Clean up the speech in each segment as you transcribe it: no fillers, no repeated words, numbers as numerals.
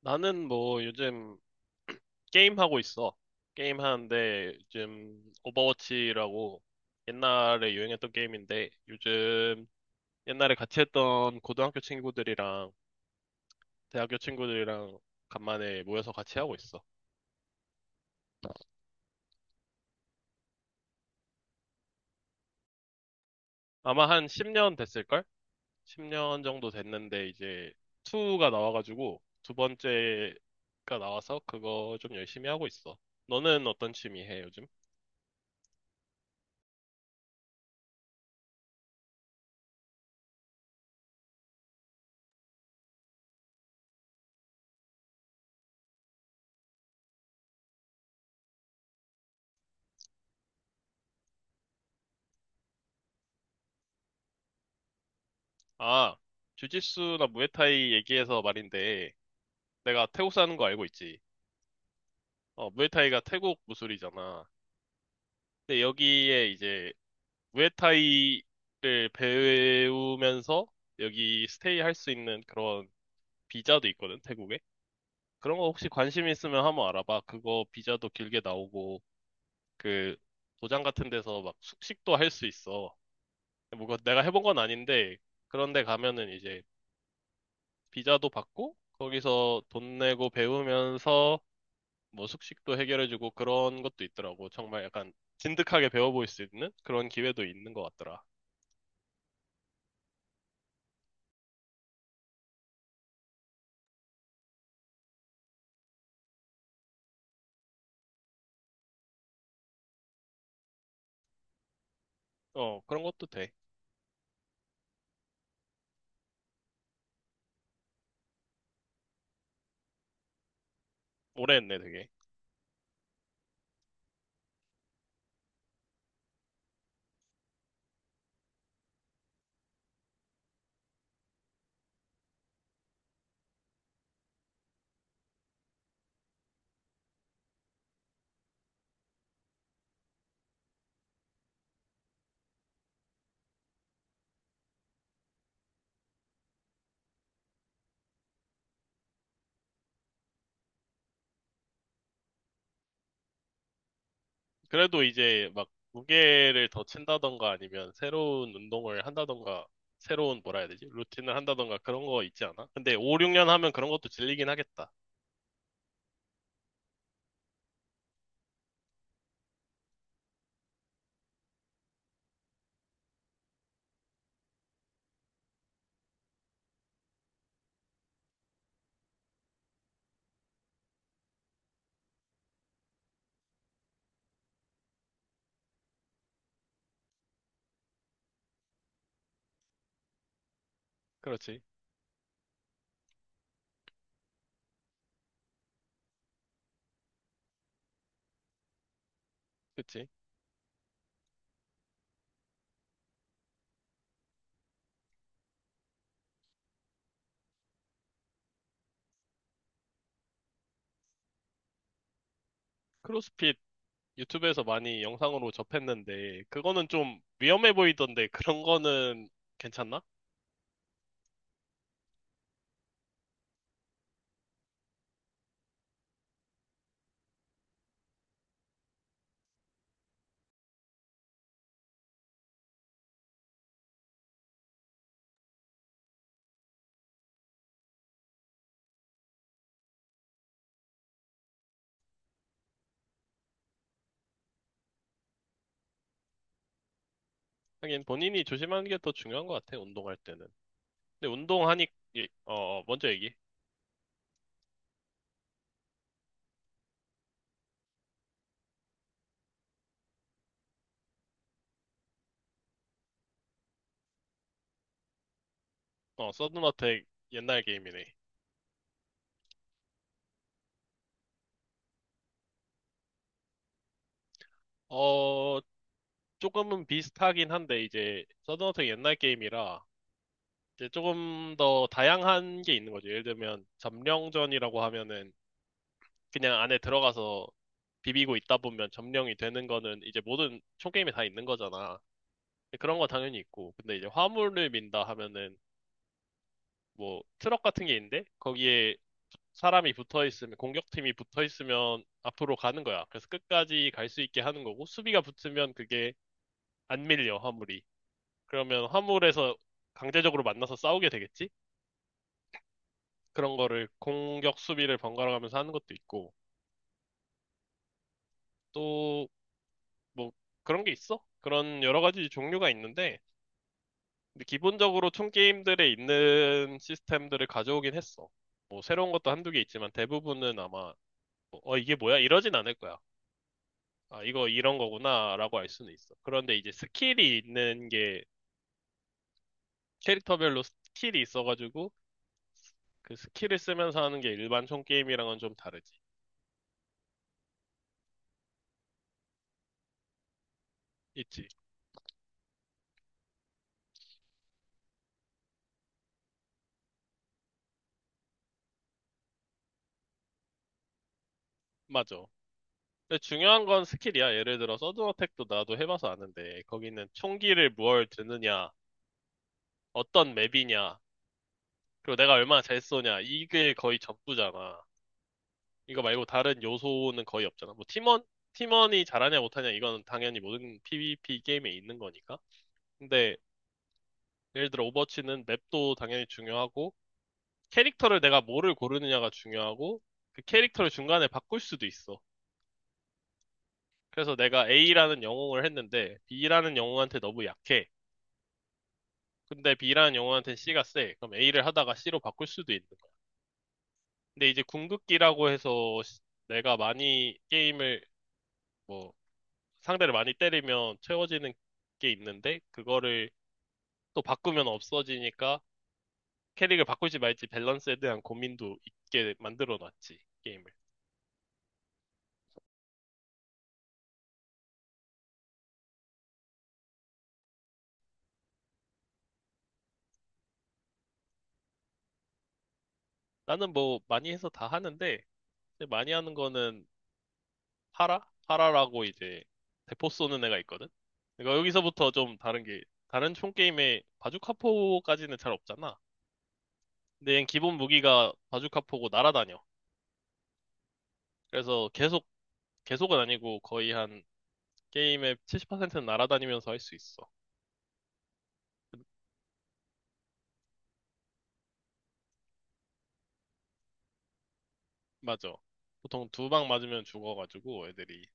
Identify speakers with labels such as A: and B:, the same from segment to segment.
A: 나는 뭐 요즘 게임 하고 있어. 게임 하는데 요즘 오버워치라고 옛날에 유행했던 게임인데 요즘 옛날에 같이 했던 고등학교 친구들이랑 대학교 친구들이랑 간만에 모여서 같이 하고 있어. 아마 한 10년 됐을걸? 10년 정도 됐는데 이제 2가 나와가지고 두 번째가 나와서 그거 좀 열심히 하고 있어. 너는 어떤 취미 해 요즘? 아, 주짓수나 무에타이 얘기해서 말인데 내가 태국 사는 거 알고 있지. 어, 무에타이가 태국 무술이잖아. 근데 여기에 이제 무에타이를 배우면서 여기 스테이 할 수 있는 그런 비자도 있거든, 태국에. 그런 거 혹시 관심 있으면 한번 알아봐. 그거 비자도 길게 나오고 그 도장 같은 데서 막 숙식도 할 수 있어. 뭐 그거 내가 해본 건 아닌데 그런데 가면은 이제 비자도 받고 거기서 돈 내고 배우면서 뭐 숙식도 해결해주고 그런 것도 있더라고. 정말 약간 진득하게 배워볼 수 있는 그런 기회도 있는 것 같더라. 어, 그런 것도 돼. 오래 했네, 되게. 그래도 이제 막 무게를 더 친다던가 아니면 새로운 운동을 한다던가 새로운 뭐라 해야 되지? 루틴을 한다던가 그런 거 있지 않아? 근데 5, 6년 하면 그런 것도 질리긴 하겠다. 그렇지. 그치. 크로스핏 유튜브에서 많이 영상으로 접했는데 그거는 좀 위험해 보이던데 그런 거는 괜찮나? 하긴 본인이 조심하는 게 더 중요한 것 같아, 운동할 때는. 근데 운동하니, 예, 어, 어, 먼저 얘기. 어, 서든어택 옛날 게임이네. 어, 조금은 비슷하긴 한데, 이제, 서든어택 옛날 게임이라, 이제 조금 더 다양한 게 있는 거죠. 예를 들면, 점령전이라고 하면은, 그냥 안에 들어가서 비비고 있다 보면 점령이 되는 거는 이제 모든 총게임에 다 있는 거잖아. 근데 그런 거 당연히 있고, 근데 이제 화물을 민다 하면은, 뭐 트럭 같은 게 있는데 거기에 사람이 붙어 있으면 공격팀이 붙어 있으면 앞으로 가는 거야. 그래서 끝까지 갈 수 있게 하는 거고 수비가 붙으면 그게 안 밀려 화물이. 그러면 화물에서 강제적으로 만나서 싸우게 되겠지? 그런 거를 공격 수비를 번갈아 가면서 하는 것도 있고 또 뭐 그런 게 있어. 그런 여러 가지 종류가 있는데 근데 기본적으로 총 게임들에 있는 시스템들을 가져오긴 했어. 뭐 새로운 것도 한두 개 있지만 대부분은 아마 뭐, 어 이게 뭐야? 이러진 않을 거야. 아, 이거 이런 거구나라고 알 수는 있어. 그런데 이제 스킬이 있는 게 캐릭터별로 스킬이 있어가지고 그 스킬을 쓰면서 하는 게 일반 총 게임이랑은 좀 다르지. 있지. 맞아. 근데 중요한 건 스킬이야. 예를 들어 서든 어택도 나도 해봐서 아는데 거기는 총기를 뭘 드느냐, 어떤 맵이냐, 그리고 내가 얼마나 잘 쏘냐 이게 거의 전부잖아. 이거 말고 다른 요소는 거의 없잖아. 뭐 팀원이 잘하냐 못하냐 이건 당연히 모든 PVP 게임에 있는 거니까. 근데 예를 들어 오버워치는 맵도 당연히 중요하고 캐릭터를 내가 뭐를 고르느냐가 중요하고 그 캐릭터를 중간에 바꿀 수도 있어. 그래서 내가 A라는 영웅을 했는데 B라는 영웅한테 너무 약해. 근데 B라는 영웅한테는 C가 세. 그럼 A를 하다가 C로 바꿀 수도 있는 거야. 근데 이제 궁극기라고 해서 내가 많이 게임을 뭐 상대를 많이 때리면 채워지는 게 있는데 그거를 또 바꾸면 없어지니까 캐릭을 바꿀지 말지 밸런스에 대한 고민도 있게 만들어 놨지, 게임을. 나는 뭐 많이 해서 다 하는데 근데 많이 하는 거는 파라? 파라라고 이제 대포 쏘는 애가 있거든. 그러니까 여기서부터 좀 다른 게 다른 총 게임에 바주카포까지는 잘 없잖아. 근데 얘는 기본 무기가 바주카포고 날아다녀. 그래서 계속은 아니고 거의 한 게임의 70%는 날아다니면서 할 수 있어. 맞아. 보통 두 방 맞으면 죽어가지고 애들이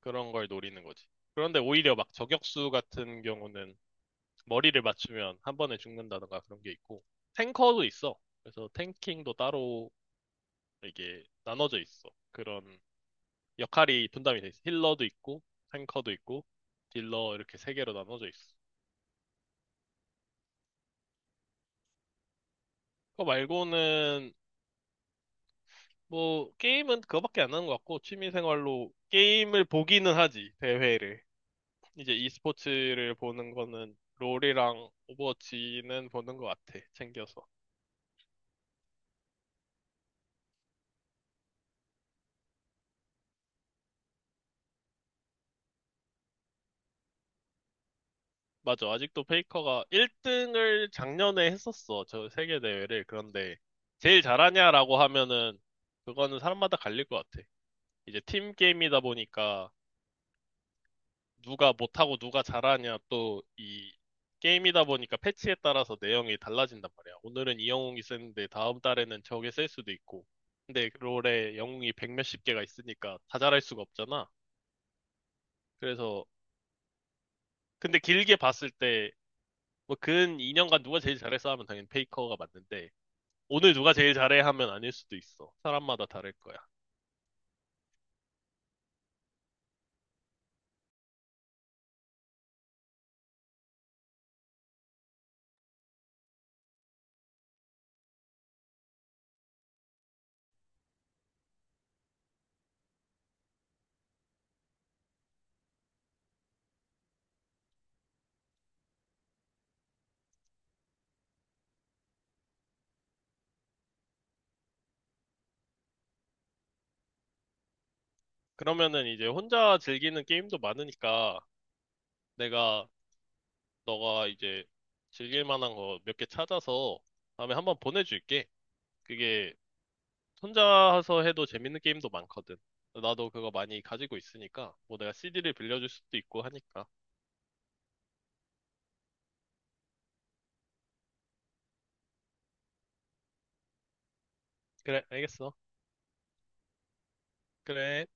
A: 그런 걸 노리는 거지. 그런데 오히려 막 저격수 같은 경우는 머리를 맞추면 한 번에 죽는다던가 그런 게 있고 탱커도 있어. 그래서 탱킹도 따로 이게 나눠져 있어. 그런 역할이 분담이 돼 있어. 힐러도 있고 탱커도 있고 딜러 이렇게 세 개로 나눠져 있어. 그거 말고는 뭐 게임은 그거밖에 안 하는 것 같고 취미 생활로 게임을 보기는 하지 대회를. 이제 e스포츠를 보는 거는 롤이랑 오버워치는 보는 것 같아 챙겨서. 맞아. 아직도 페이커가 1등을 작년에 했었어. 저 세계 대회를. 그런데 제일 잘하냐라고 하면은 그거는 사람마다 갈릴 것 같아. 이제 팀 게임이다 보니까 누가 못하고 누가 잘하냐 또 이 게임이다 보니까 패치에 따라서 내용이 달라진단 말이야. 오늘은 이 영웅이 쓰는데 다음 달에는 저게 쓸 수도 있고. 근데 롤에 영웅이 백 몇십 개가 있으니까 다 잘할 수가 없잖아. 그래서 근데 길게 봤을 때 뭐 근 2년간 누가 제일 잘했어 하면 당연히 페이커가 맞는데 오늘 누가 제일 잘해 하면 아닐 수도 있어. 사람마다 다를 거야. 그러면은 이제 혼자 즐기는 게임도 많으니까 내가 너가 이제 즐길 만한 거 몇 개 찾아서 다음에 한번 보내줄게. 그게 혼자서 해도 재밌는 게임도 많거든. 나도 그거 많이 가지고 있으니까 뭐 내가 CD를 빌려줄 수도 있고 하니까. 그래, 알겠어. 그래.